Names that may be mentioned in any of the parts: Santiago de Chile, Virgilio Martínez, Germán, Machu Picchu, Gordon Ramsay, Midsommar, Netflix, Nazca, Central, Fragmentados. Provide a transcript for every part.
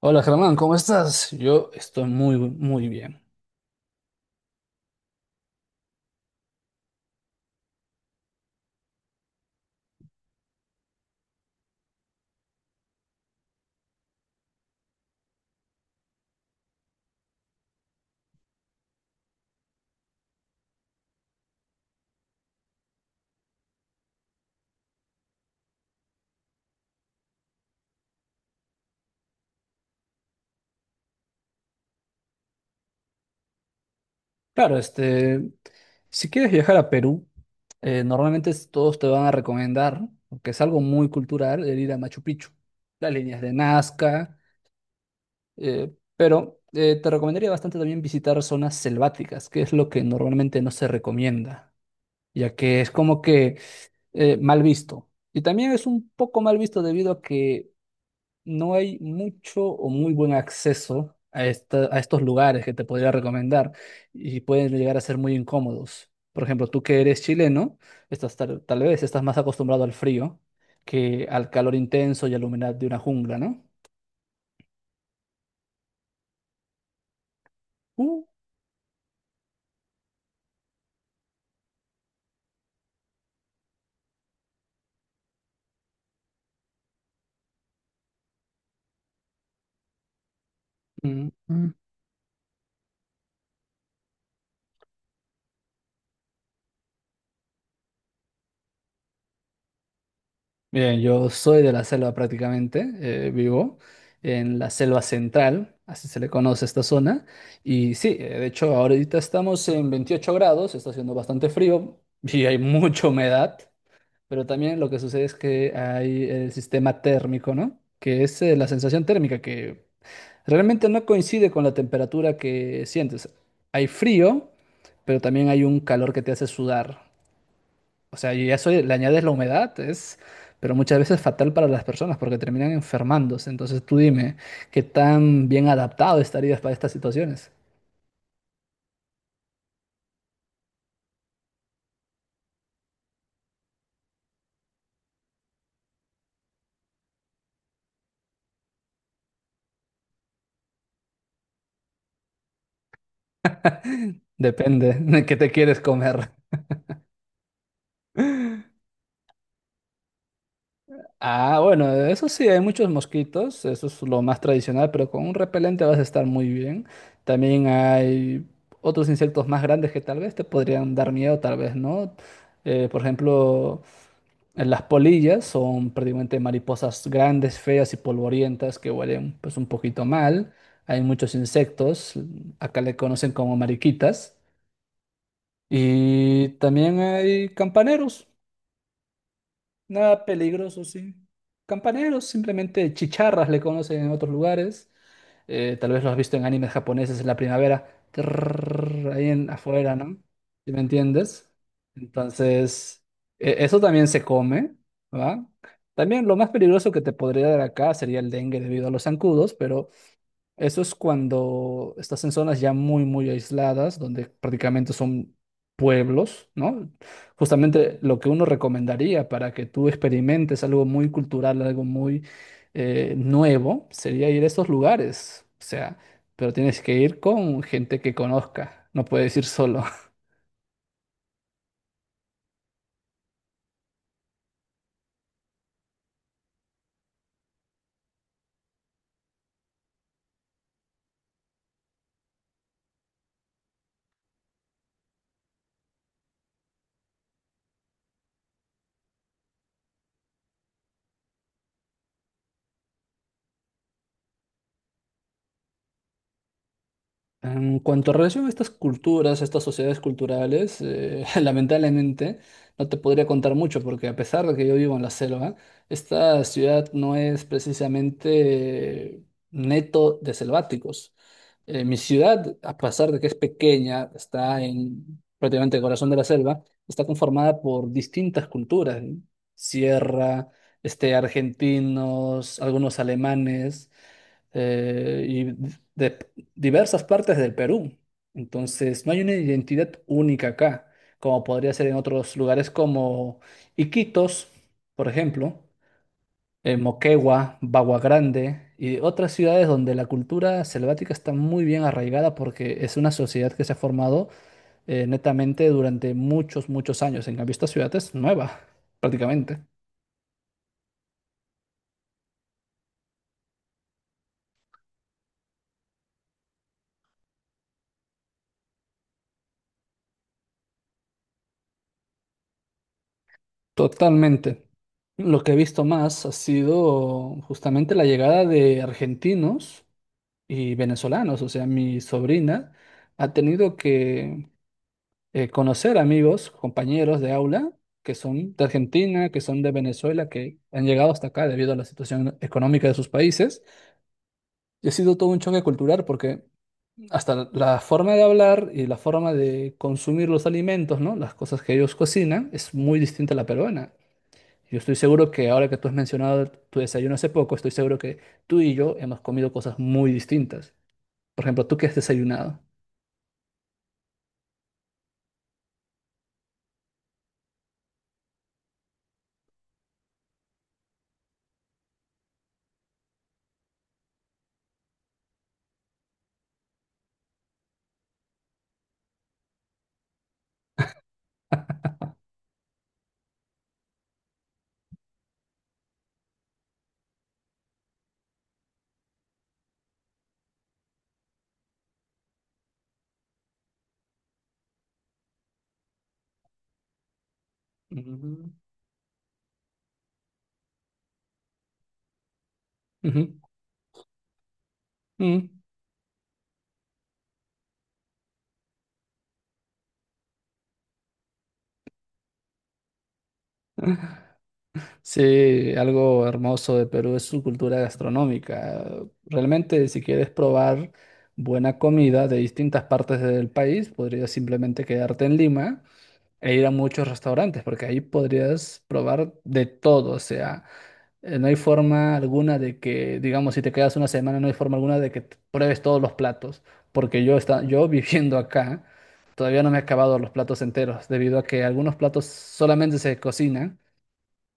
Hola Germán, ¿cómo estás? Yo estoy muy, muy bien. Claro, este, si quieres viajar a Perú, normalmente todos te van a recomendar, porque es algo muy cultural, el ir a Machu Picchu, las líneas de Nazca, pero te recomendaría bastante también visitar zonas selváticas, que es lo que normalmente no se recomienda, ya que es como que mal visto. Y también es un poco mal visto debido a que no hay mucho o muy buen acceso a, a estos lugares que te podría recomendar y pueden llegar a ser muy incómodos. Por ejemplo, tú que eres chileno, estás tal vez estás más acostumbrado al frío que al calor intenso y a la humedad de una jungla, ¿no? Uh, Mm. Bien, yo soy de la selva prácticamente, vivo en la selva central, así se le conoce a esta zona. Y sí, de hecho, ahorita estamos en 28 grados, está haciendo bastante frío y hay mucha humedad, pero también lo que sucede es que hay el sistema térmico, ¿no? Que es la sensación térmica que realmente no coincide con la temperatura que sientes. Hay frío, pero también hay un calor que te hace sudar. O sea, yo ya soy, le añades la humedad, es, pero muchas veces fatal para las personas porque terminan enfermándose. Entonces tú dime, ¿qué tan bien adaptado estarías para estas situaciones? Depende de qué te quieres comer. Ah, bueno, eso sí, hay muchos mosquitos, eso es lo más tradicional, pero con un repelente vas a estar muy bien. También hay otros insectos más grandes que tal vez te podrían dar miedo, tal vez no. Por ejemplo, las polillas son prácticamente mariposas grandes, feas y polvorientas que huelen pues un poquito mal. Hay muchos insectos, acá le conocen como mariquitas. Y también hay campaneros. Nada peligroso, sí. Campaneros, simplemente chicharras le conocen en otros lugares. Tal vez lo has visto en animes japoneses en la primavera, trrr, ahí en, afuera, ¿no? ¿Sí me entiendes? Entonces, eso también se come, ¿va? También lo más peligroso que te podría dar acá sería el dengue debido a los zancudos, pero eso es cuando estás en zonas ya muy, muy aisladas, donde prácticamente son pueblos, ¿no? Justamente lo que uno recomendaría para que tú experimentes algo muy cultural, algo muy nuevo, sería ir a estos lugares. O sea, pero tienes que ir con gente que conozca, no puedes ir solo. En cuanto a relación a estas culturas, a estas sociedades culturales, lamentablemente no te podría contar mucho porque a pesar de que yo vivo en la selva, esta ciudad no es precisamente neto de selváticos. Mi ciudad, a pesar de que es pequeña, está en prácticamente el corazón de la selva, está conformada por distintas culturas, ¿eh? Sierra, este, argentinos, algunos alemanes y de, diversas partes del Perú. Entonces, no hay una identidad única acá, como podría ser en otros lugares como Iquitos, por ejemplo, Moquegua, Bagua Grande y otras ciudades donde la cultura selvática está muy bien arraigada porque es una sociedad que se ha formado netamente durante muchos, muchos años. En cambio, esta ciudad es nueva, prácticamente. Totalmente. Lo que he visto más ha sido justamente la llegada de argentinos y venezolanos. O sea, mi sobrina ha tenido que conocer amigos, compañeros de aula que son de Argentina, que son de Venezuela, que han llegado hasta acá debido a la situación económica de sus países. Y ha sido todo un choque cultural porque hasta la forma de hablar y la forma de consumir los alimentos, ¿no? Las cosas que ellos cocinan es muy distinta a la peruana. Yo estoy seguro que ahora que tú has mencionado tu desayuno hace poco, estoy seguro que tú y yo hemos comido cosas muy distintas. Por ejemplo, ¿tú qué has desayunado? Ujú, ujú, ujú. Sí, algo hermoso de Perú es su cultura gastronómica. Realmente, si quieres probar buena comida de distintas partes del país, podrías simplemente quedarte en Lima e ir a muchos restaurantes, porque ahí podrías probar de todo, o sea. No hay forma alguna de que, digamos, si te quedas una semana, no hay forma alguna de que pruebes todos los platos, porque yo, está, yo viviendo acá, todavía no me he acabado los platos enteros, debido a que algunos platos solamente se cocinan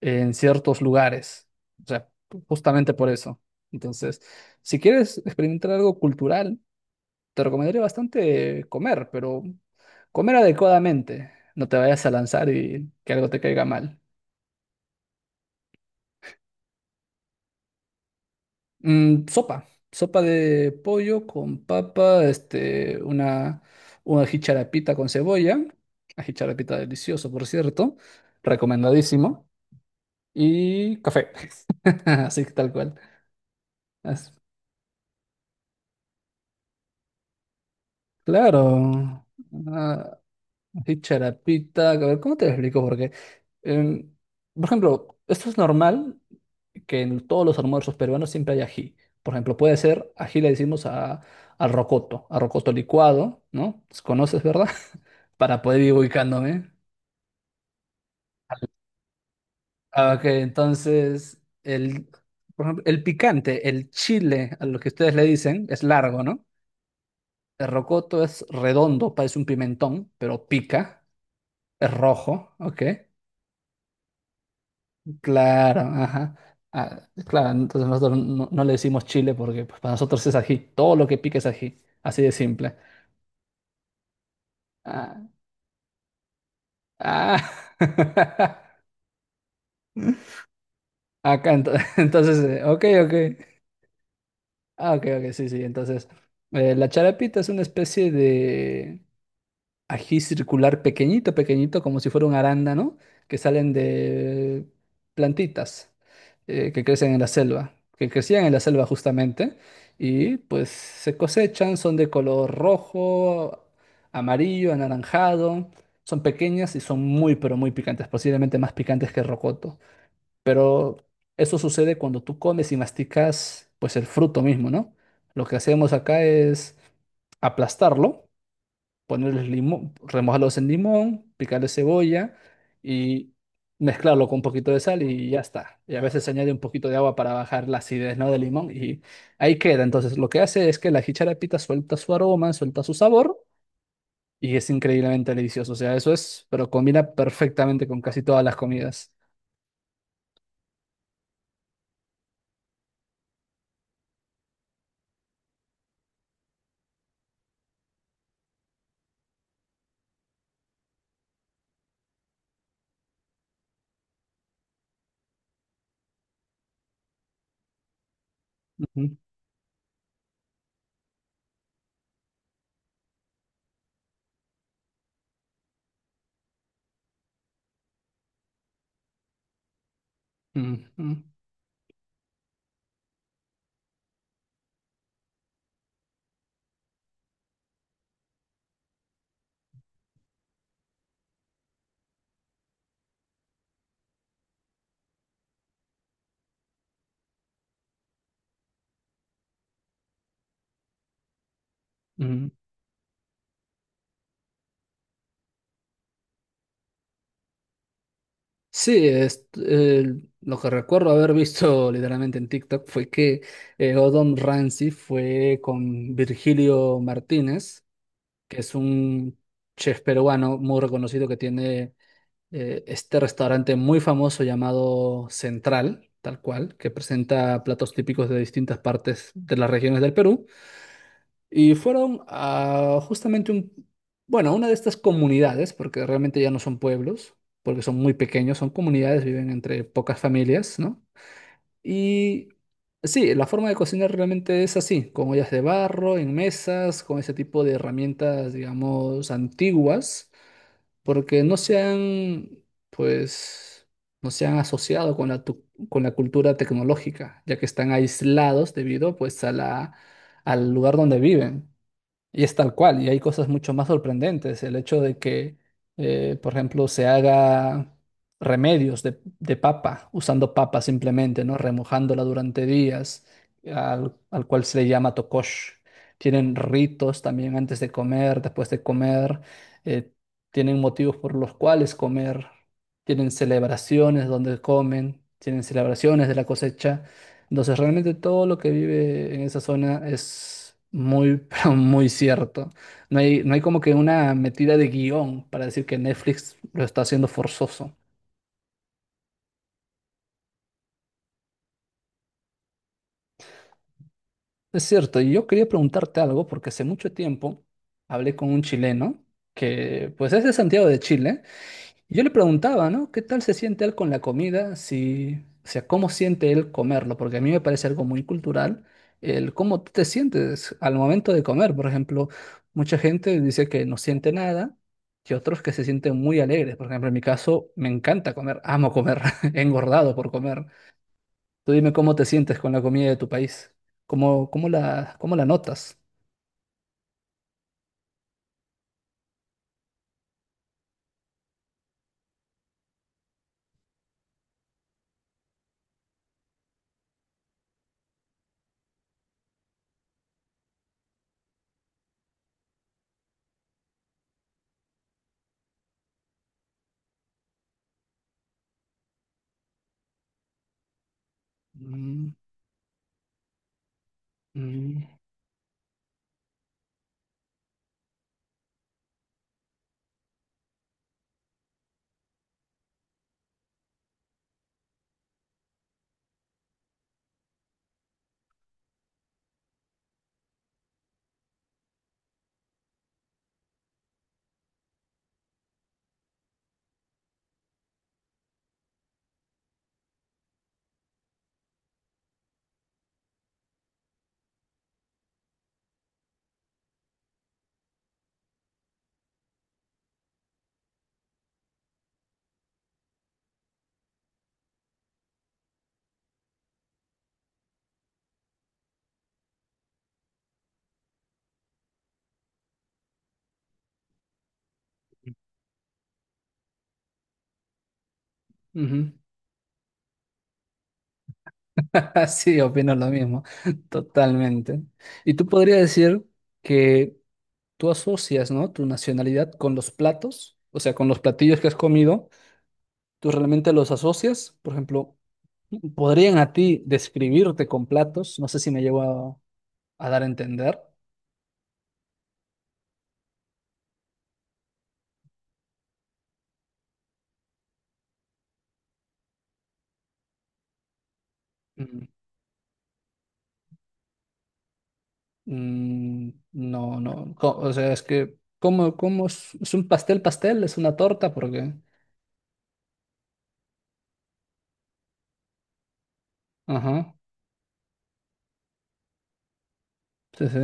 en ciertos lugares, o sea, justamente por eso. Entonces, si quieres experimentar algo cultural, te recomendaría bastante comer, pero comer adecuadamente, no te vayas a lanzar y que algo te caiga mal. Mm, sopa de pollo con papa, este, una jicharapita con cebolla, una jicharapita delicioso, por cierto, recomendadísimo, y café, así que tal cual. As- claro, una jicharapita, a ver, ¿cómo te lo explico? Porque, em, por ejemplo, esto es normal, que en todos los almuerzos peruanos siempre hay ají. Por ejemplo, puede ser, ají le decimos a, al rocoto, a rocoto licuado, ¿no? Pues, ¿conoces, verdad? Para poder ir ubicándome. Ah, ok, entonces, el, por ejemplo, el picante, el chile, a lo que ustedes le dicen, es largo, ¿no? El rocoto es redondo, parece un pimentón, pero pica, es rojo, ¿ok? Claro, ajá. Ah, claro, entonces nosotros no, no le decimos chile porque pues, para nosotros es ají, todo lo que pica es ají, así de simple. Ah, ah. Acá, entonces, ok, ok. Ah, ok, ok, sí, sí. Entonces, la charapita es una especie de ají circular pequeñito, pequeñito, como si fuera un arándano, que salen de plantitas que crecen en la selva, que crecían en la selva justamente, y pues se cosechan, son de color rojo, amarillo, anaranjado, son pequeñas y son muy, pero muy picantes, posiblemente más picantes que rocoto. Pero eso sucede cuando tú comes y masticas pues el fruto mismo, ¿no? Lo que hacemos acá es aplastarlo, ponerles limón, remojarlos en limón, picarle cebolla y mezclarlo con un poquito de sal y ya está. Y a veces se añade un poquito de agua para bajar la acidez, ¿no? del limón y ahí queda. Entonces lo que hace es que la jicharapita suelta su aroma, suelta su sabor y es increíblemente delicioso. O sea, eso es, pero combina perfectamente con casi todas las comidas. Ujú, ujú, ujú. Sí, es, lo que recuerdo haber visto literalmente en TikTok fue que Gordon Ramsay fue con Virgilio Martínez, que es un chef peruano muy reconocido que tiene este restaurante muy famoso llamado Central, tal cual, que presenta platos típicos de distintas partes de las regiones del Perú. Y fueron a justamente un, bueno, a una de estas comunidades, porque realmente ya no son pueblos, porque son muy pequeños, son comunidades, viven entre pocas familias, ¿no? Y sí, la forma de cocinar realmente es así, con ollas de barro, en mesas, con ese tipo de herramientas, digamos, antiguas, porque no se han, pues, no se han asociado con la, con la cultura tecnológica, ya que están aislados debido, pues, a la, al lugar donde viven. Y es tal cual, y hay cosas mucho más sorprendentes. El hecho de que, por ejemplo, se haga remedios de papa, usando papa simplemente, ¿no? Remojándola durante días, al, al cual se le llama tokosh. Tienen ritos también antes de comer, después de comer, eh, tienen motivos por los cuales comer, tienen celebraciones donde comen, tienen celebraciones de la cosecha. Entonces, realmente todo lo que vive en esa zona es muy, pero muy cierto. No hay, no hay como que una metida de guión para decir que Netflix lo está haciendo forzoso. Es cierto, y yo quería preguntarte algo porque hace mucho tiempo hablé con un chileno que pues es de Santiago de Chile. Y yo le preguntaba, ¿no? ¿Qué tal se siente él con la comida? Si, o sea, ¿cómo siente él comerlo? Porque a mí me parece algo muy cultural el cómo tú te sientes al momento de comer. Por ejemplo, mucha gente dice que no siente nada y otros que se sienten muy alegres. Por ejemplo, en mi caso, me encanta comer, amo comer, he engordado por comer. Tú dime cómo te sientes con la comida de tu país. ¿Cómo, cómo la notas? Mm, mm, ujú. Sí, opino lo mismo, totalmente. Y tú podrías decir que tú asocias, ¿no? Tu nacionalidad con los platos, o sea, con los platillos que has comido, tú realmente los asocias. Por ejemplo, podrían a ti describirte con platos, no sé si me llevo a dar a entender. Mm, mm, no, no, o sea, es que, ¿cómo, cómo es un pastel, pastel? ¿Es una torta? Porque, ajá, sí, sí.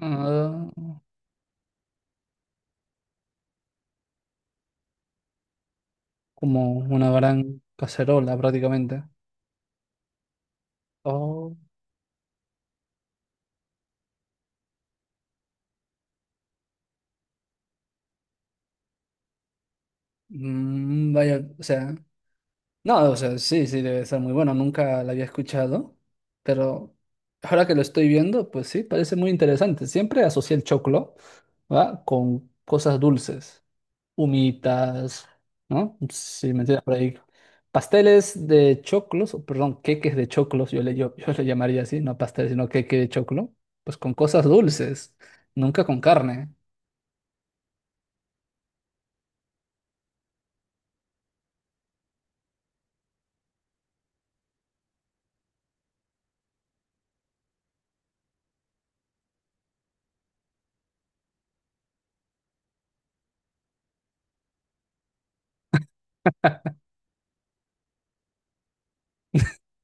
Ah, como una gran cacerola prácticamente. Oh, mm, vaya, o sea, no, o sea, sí, sí, debe ser muy bueno, nunca la había escuchado, pero ahora que lo estoy viendo, pues sí, parece muy interesante. Siempre asocié el choclo, ¿va? Con cosas dulces, humitas, ¿no? Sí, me entiendes por ahí. Pasteles de choclos, o perdón, queques de choclos, yo le, yo, yo le llamaría así, no pasteles, sino queque de choclo, pues con cosas dulces, nunca con carne.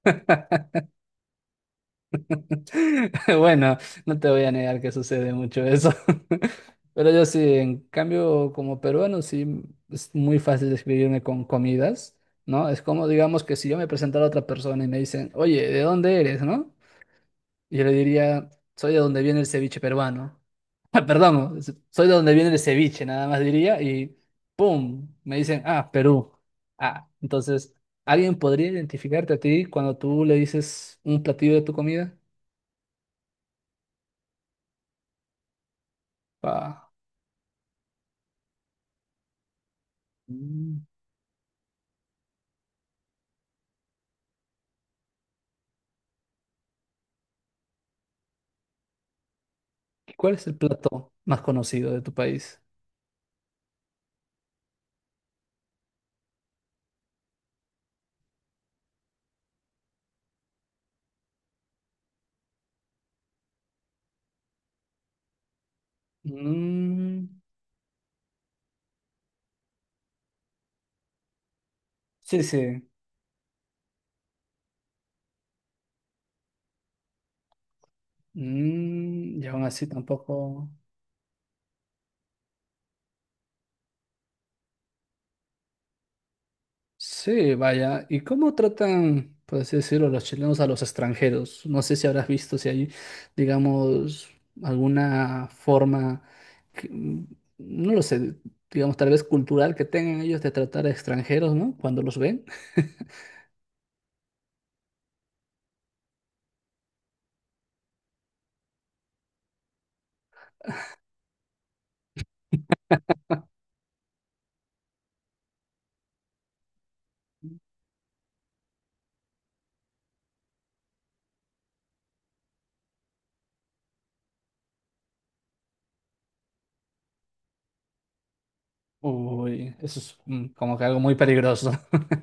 Bueno, no te voy a negar que sucede mucho eso. Pero yo sí, en cambio, como peruano, sí es muy fácil describirme con comidas, ¿no? Es como, digamos, que si yo me presentara a otra persona y me dicen, oye, ¿de dónde eres, no? Y yo le diría, soy de donde viene el ceviche peruano. Ah, perdón, soy de donde viene el ceviche, nada más diría, y ¡pum! Me dicen, ah, Perú. Ah, entonces, ¿alguien podría identificarte a ti cuando tú le dices un platillo de tu comida? Ah. Mm, ¿cuál es el plato más conocido de tu país? Mm, sí, sí. Mm, y aún así tampoco. Sí, vaya. ¿Y cómo tratan, por así decirlo, los chilenos a los extranjeros? No sé si habrás visto si hay, digamos, alguna forma, mm, no lo sé, digamos, tal vez cultural que tengan ellos de tratar a extranjeros, ¿no? Cuando los ven. Uy, eso es mm, como que algo muy peligroso.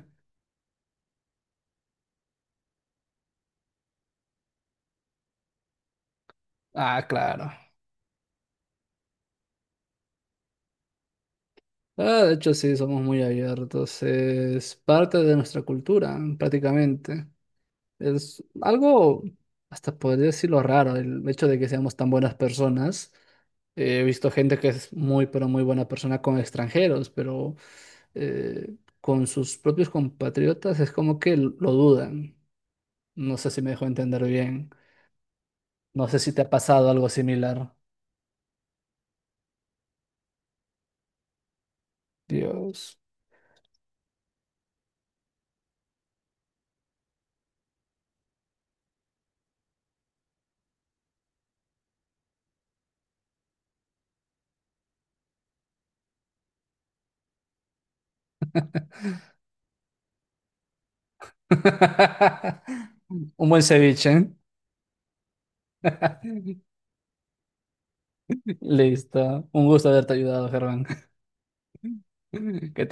Ah, claro. Ah, de hecho sí, somos muy abiertos. Es parte de nuestra cultura, prácticamente. Es algo, hasta podría decirlo raro, el hecho de que seamos tan buenas personas. He visto gente que es muy, pero muy buena persona con extranjeros, pero eh, con sus propios compatriotas es como que lo dudan. No sé si me dejo entender bien. No sé si te ha pasado algo similar. Dios. Un buen ceviche. Listo. Un gusto haberte ayudado, Germán. Que